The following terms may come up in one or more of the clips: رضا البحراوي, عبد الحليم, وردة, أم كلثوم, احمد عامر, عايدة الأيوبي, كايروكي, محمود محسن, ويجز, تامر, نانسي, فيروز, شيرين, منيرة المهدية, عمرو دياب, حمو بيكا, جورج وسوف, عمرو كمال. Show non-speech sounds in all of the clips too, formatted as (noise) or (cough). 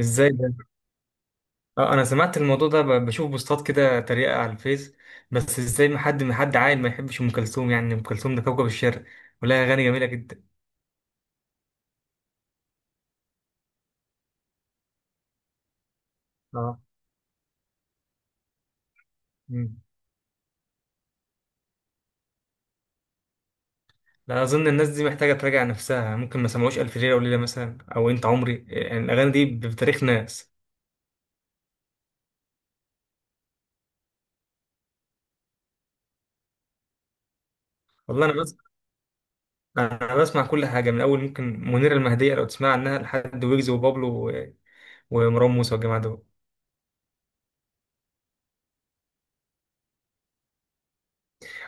ازاي ده؟ اه، انا سمعت الموضوع ده، بشوف بوستات كده تريقة على الفيس. بس ازاي ما حد عاقل ما يحبش ام كلثوم؟ يعني ام كلثوم ده كوكب الشرق، ولها اغاني جميلة جدا. اه. مم. لا، اظن الناس دي محتاجة تراجع نفسها. ممكن ما سمعوش الف ليلة وليلة مثلا، او انت عمري. يعني الاغاني دي بتاريخ ناس. والله انا بس، انا بسمع كل حاجة من اول ممكن. منيرة المهدية لو تسمع عنها، لحد ويجز وبابلو ومروان موسى والجماعة دول.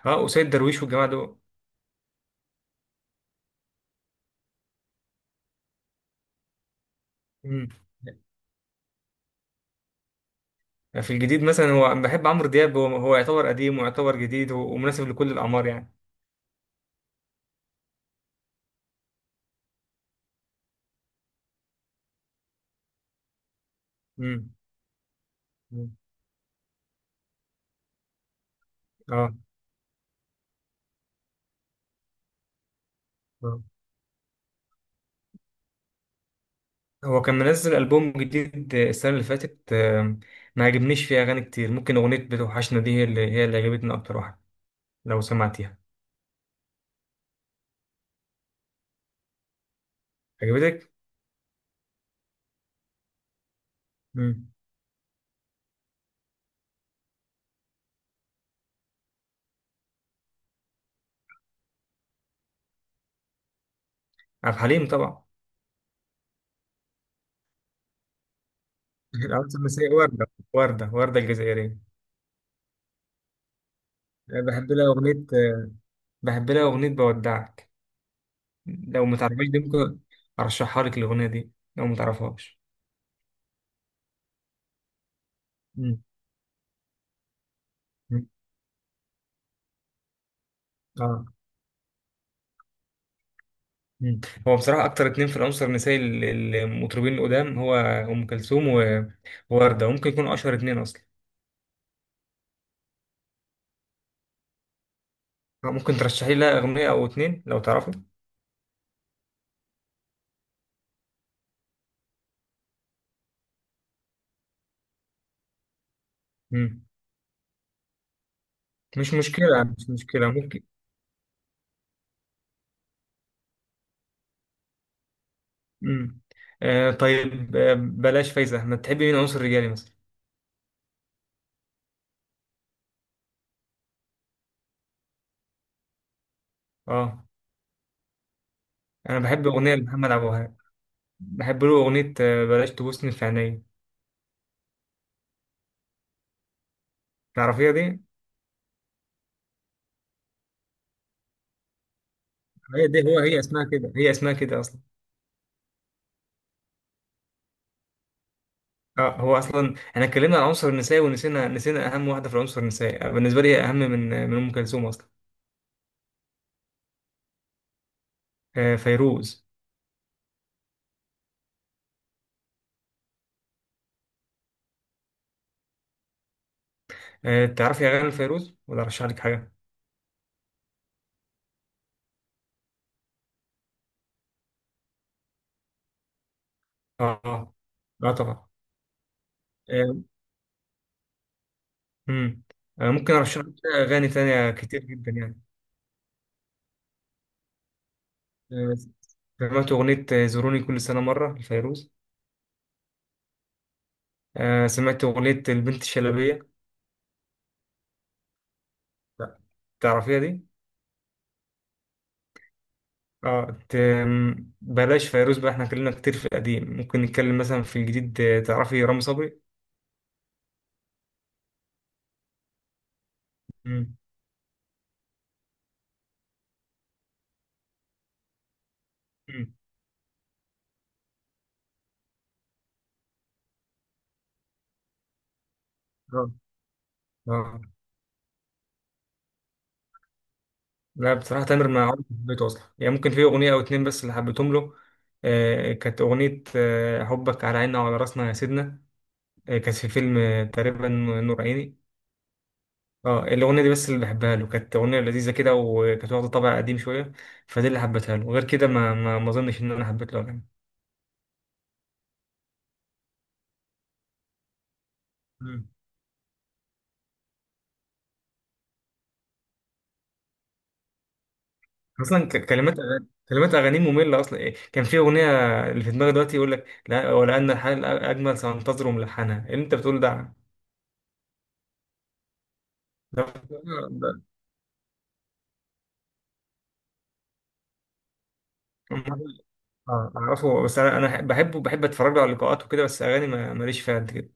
اه، وسيد درويش والجماعة دول. مم. في الجديد مثلا، هو بحب عمرو دياب. هو يعتبر قديم ويعتبر جديد، ومناسب لكل الأعمار يعني. امم. أمم. اه. آه. هو كان منزل ألبوم جديد السنة اللي فاتت، ما عجبنيش فيه أغاني كتير. ممكن أغنية بتوحشنا دي هي اللي عجبتني أكتر واحدة، لو سمعتيها. عجبتك؟ امم. عبد الحليم طبعا. (laughs) الأول الثلاثية وردة. وردة الجزائرية. بحب لها أغنية بحب لها أغنية بودعك. لو متعرفهاش دي، ممكن أرشحها لك الأغنية دي لو متعرفهاش. امم. أمم. اه. مم. هو بصراحة أكتر اتنين في العنصر النسائي المطربين القدام هو أم كلثوم ووردة. ممكن يكونوا أشهر اتنين أصلا. آه، ممكن ترشحي لها أغنية أو اتنين لو تعرفي. مم. مش مشكلة، مش مشكلة، ممكن. مم. طيب، بلاش فايزة. ما تحبي مين عنصر رجالي مثلا؟ اه. أنا بحب أغنية لمحمد عبد الوهاب. بحب له أغنية بلاش تبوسني في عينيا. تعرفيها دي؟ هي دي، هي اسمها كده، هي اسمها كده أصلا. اه، هو اصلا احنا اتكلمنا عن العنصر النسائي ونسينا، اهم واحده في العنصر النسائي. بالنسبه لي اهم من ام كلثوم اصلا. آه، فيروز. آه، تعرفي اغاني فيروز ولا ارشح لك حاجه؟ اه. اه. آه، طبعا. آه. مم. آه، ممكن ارشح لك اغاني تانية كتير جدا يعني. آه، سمعت اغنيه زوروني كل سنه مره لفيروز. آه، سمعت اغنيه البنت الشلبيه. لا، تعرفيها دي؟ اه. بلاش فيروز بقى، احنا اتكلمنا كتير في القديم. ممكن نتكلم مثلا في الجديد. تعرفي رامي صبري؟ مم. اه. اه. لا بصراحة، تامر ما عمري ما حبيته أصلا يعني. ممكن في أغنية أو اتنين بس اللي حبيتهم له. كانت أغنية، حبك على عيننا وعلى راسنا يا سيدنا. كانت في فيلم تقريبا، نور عيني. اه، الأغنية دي بس اللي بحبها له. كانت أغنية لذيذة كده، وكانت واخدة طابع قديم شوية. فدي اللي حبيتها له. غير كده ما أظنش إن أنا حبيت له أغاني. مم. أصلا كلمات أغانيه مملة أصلا. إيه، كان في أغنية اللي في دماغي دلوقتي يقول لك لا، ولأن الحال أجمل سأنتظر. ملحنها إيه اللي أنت بتقول ده؟ اه. اعرفه، بس انا بحبه، بحب اتفرج له على اللقاءات وكده، بس اغاني ماليش فيها قد كده.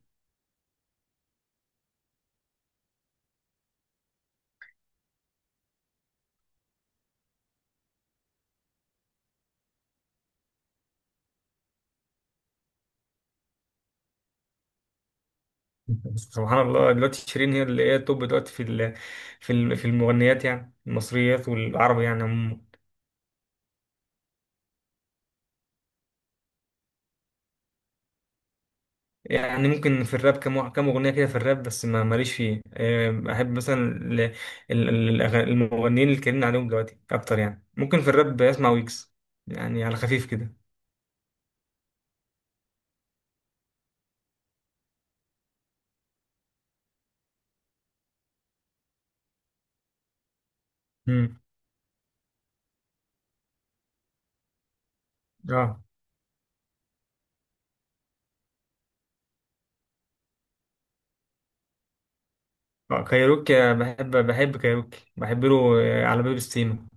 (laughs) سبحان الله. دلوقتي شيرين هي اللي هي التوب دلوقتي في في المغنيات، يعني المصريات والعربي يعني عموما. يعني ممكن في الراب كم اغنيه كده في الراب، بس ما ماليش فيه. احب مثلا المغنيين اللي اتكلمنا عليهم دلوقتي اكتر يعني. ممكن في الراب بسمع ويجز، يعني على خفيف كده. امم. اه. كايروكي، بحب كايروكي. بحب له على باب السيما.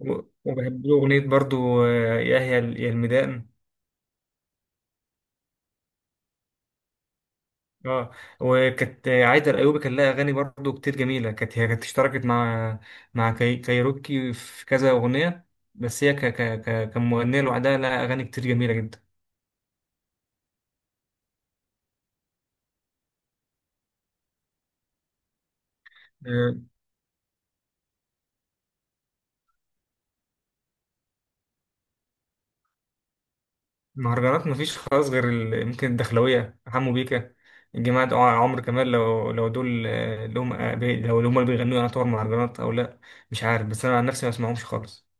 وبحب له أغنية برضو، يا الميدان. اه. وكانت عايدة الأيوبي كان لها أغاني برضو كتير جميلة. كانت هي اشتركت مع كايروكي في كذا أغنية. بس هي ك ك ك كمغنية لوحدها لها أغاني كتير جميلة جدا. آه، مهرجانات مفيش خالص غير ممكن الدخلوية حمو بيكا، الجماعة دول. عمرو كمال، لو دول. آه، اللي هم آه، بي- لو اللي هم اللي بيغنوا يعتبر مهرجانات أو لأ؟ مش عارف، بس أنا عن نفسي ما بسمعهمش خالص.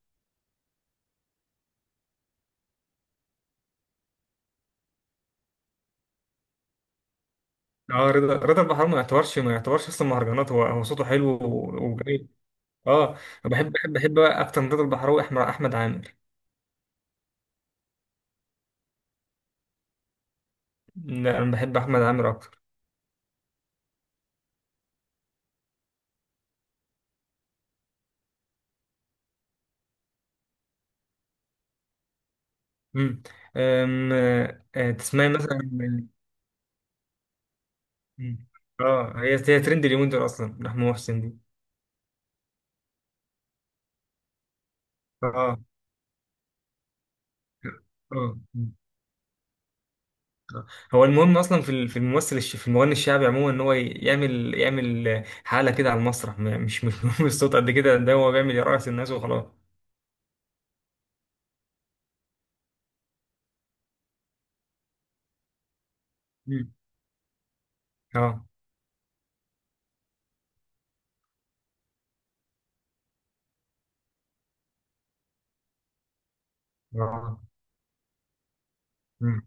اه، رضا البحراوي ما يعتبرش اصلا مهرجانات. هو صوته حلو وجميل. اه، أنا بحب بقى اكتر من رضا البحراوي، احمد عامر. لا، انا بحب احمد عامر اكتر. امم. أم، آه، آه، تسمعي مثلا من-؟ مم. اه، هي ترند اليومين دول اصلا، محمود محسن دي. اه. اه. آه. هو المهم اصلا في في المغني الشعبي عموما، ان هو يعمل حاله كده على المسرح. مش (laughs) مش مهم الصوت قد كده. ده هو بيعمل يرقص الناس وخلاص. مم. اه. اه. مم.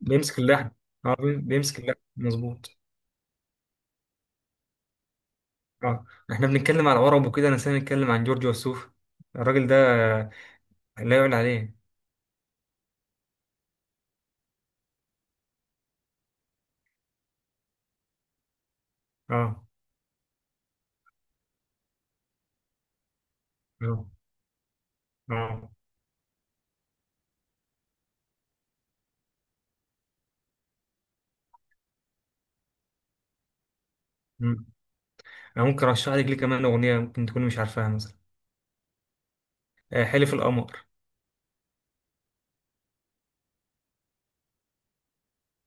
بيمسك اللحن. اه، بيمسك اللحن مظبوط. اه، احنا بنتكلم على عرب وكده، انا سامي نتكلم عن جورج وسوف. الراجل ده لا يعلى عليه. اه. اه. اه. مم. انا ممكن ارشح لك ليه كمان اغنيه ممكن تكون مش عارفاها مثلا. آه، حلف القمر.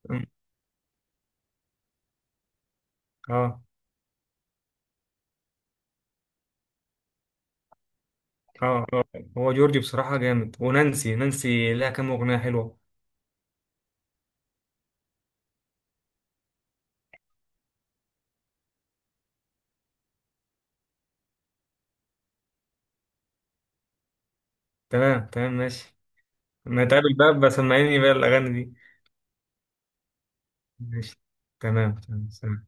مم. اه. اه. اه. هو جورجي بصراحة جامد، ونانسي لها كام أغنية حلوة. تمام، تمام، ماشي. ما تقابل بقى بسمعيني بقى الأغاني دي. ماشي. تمام، تمام، سلام.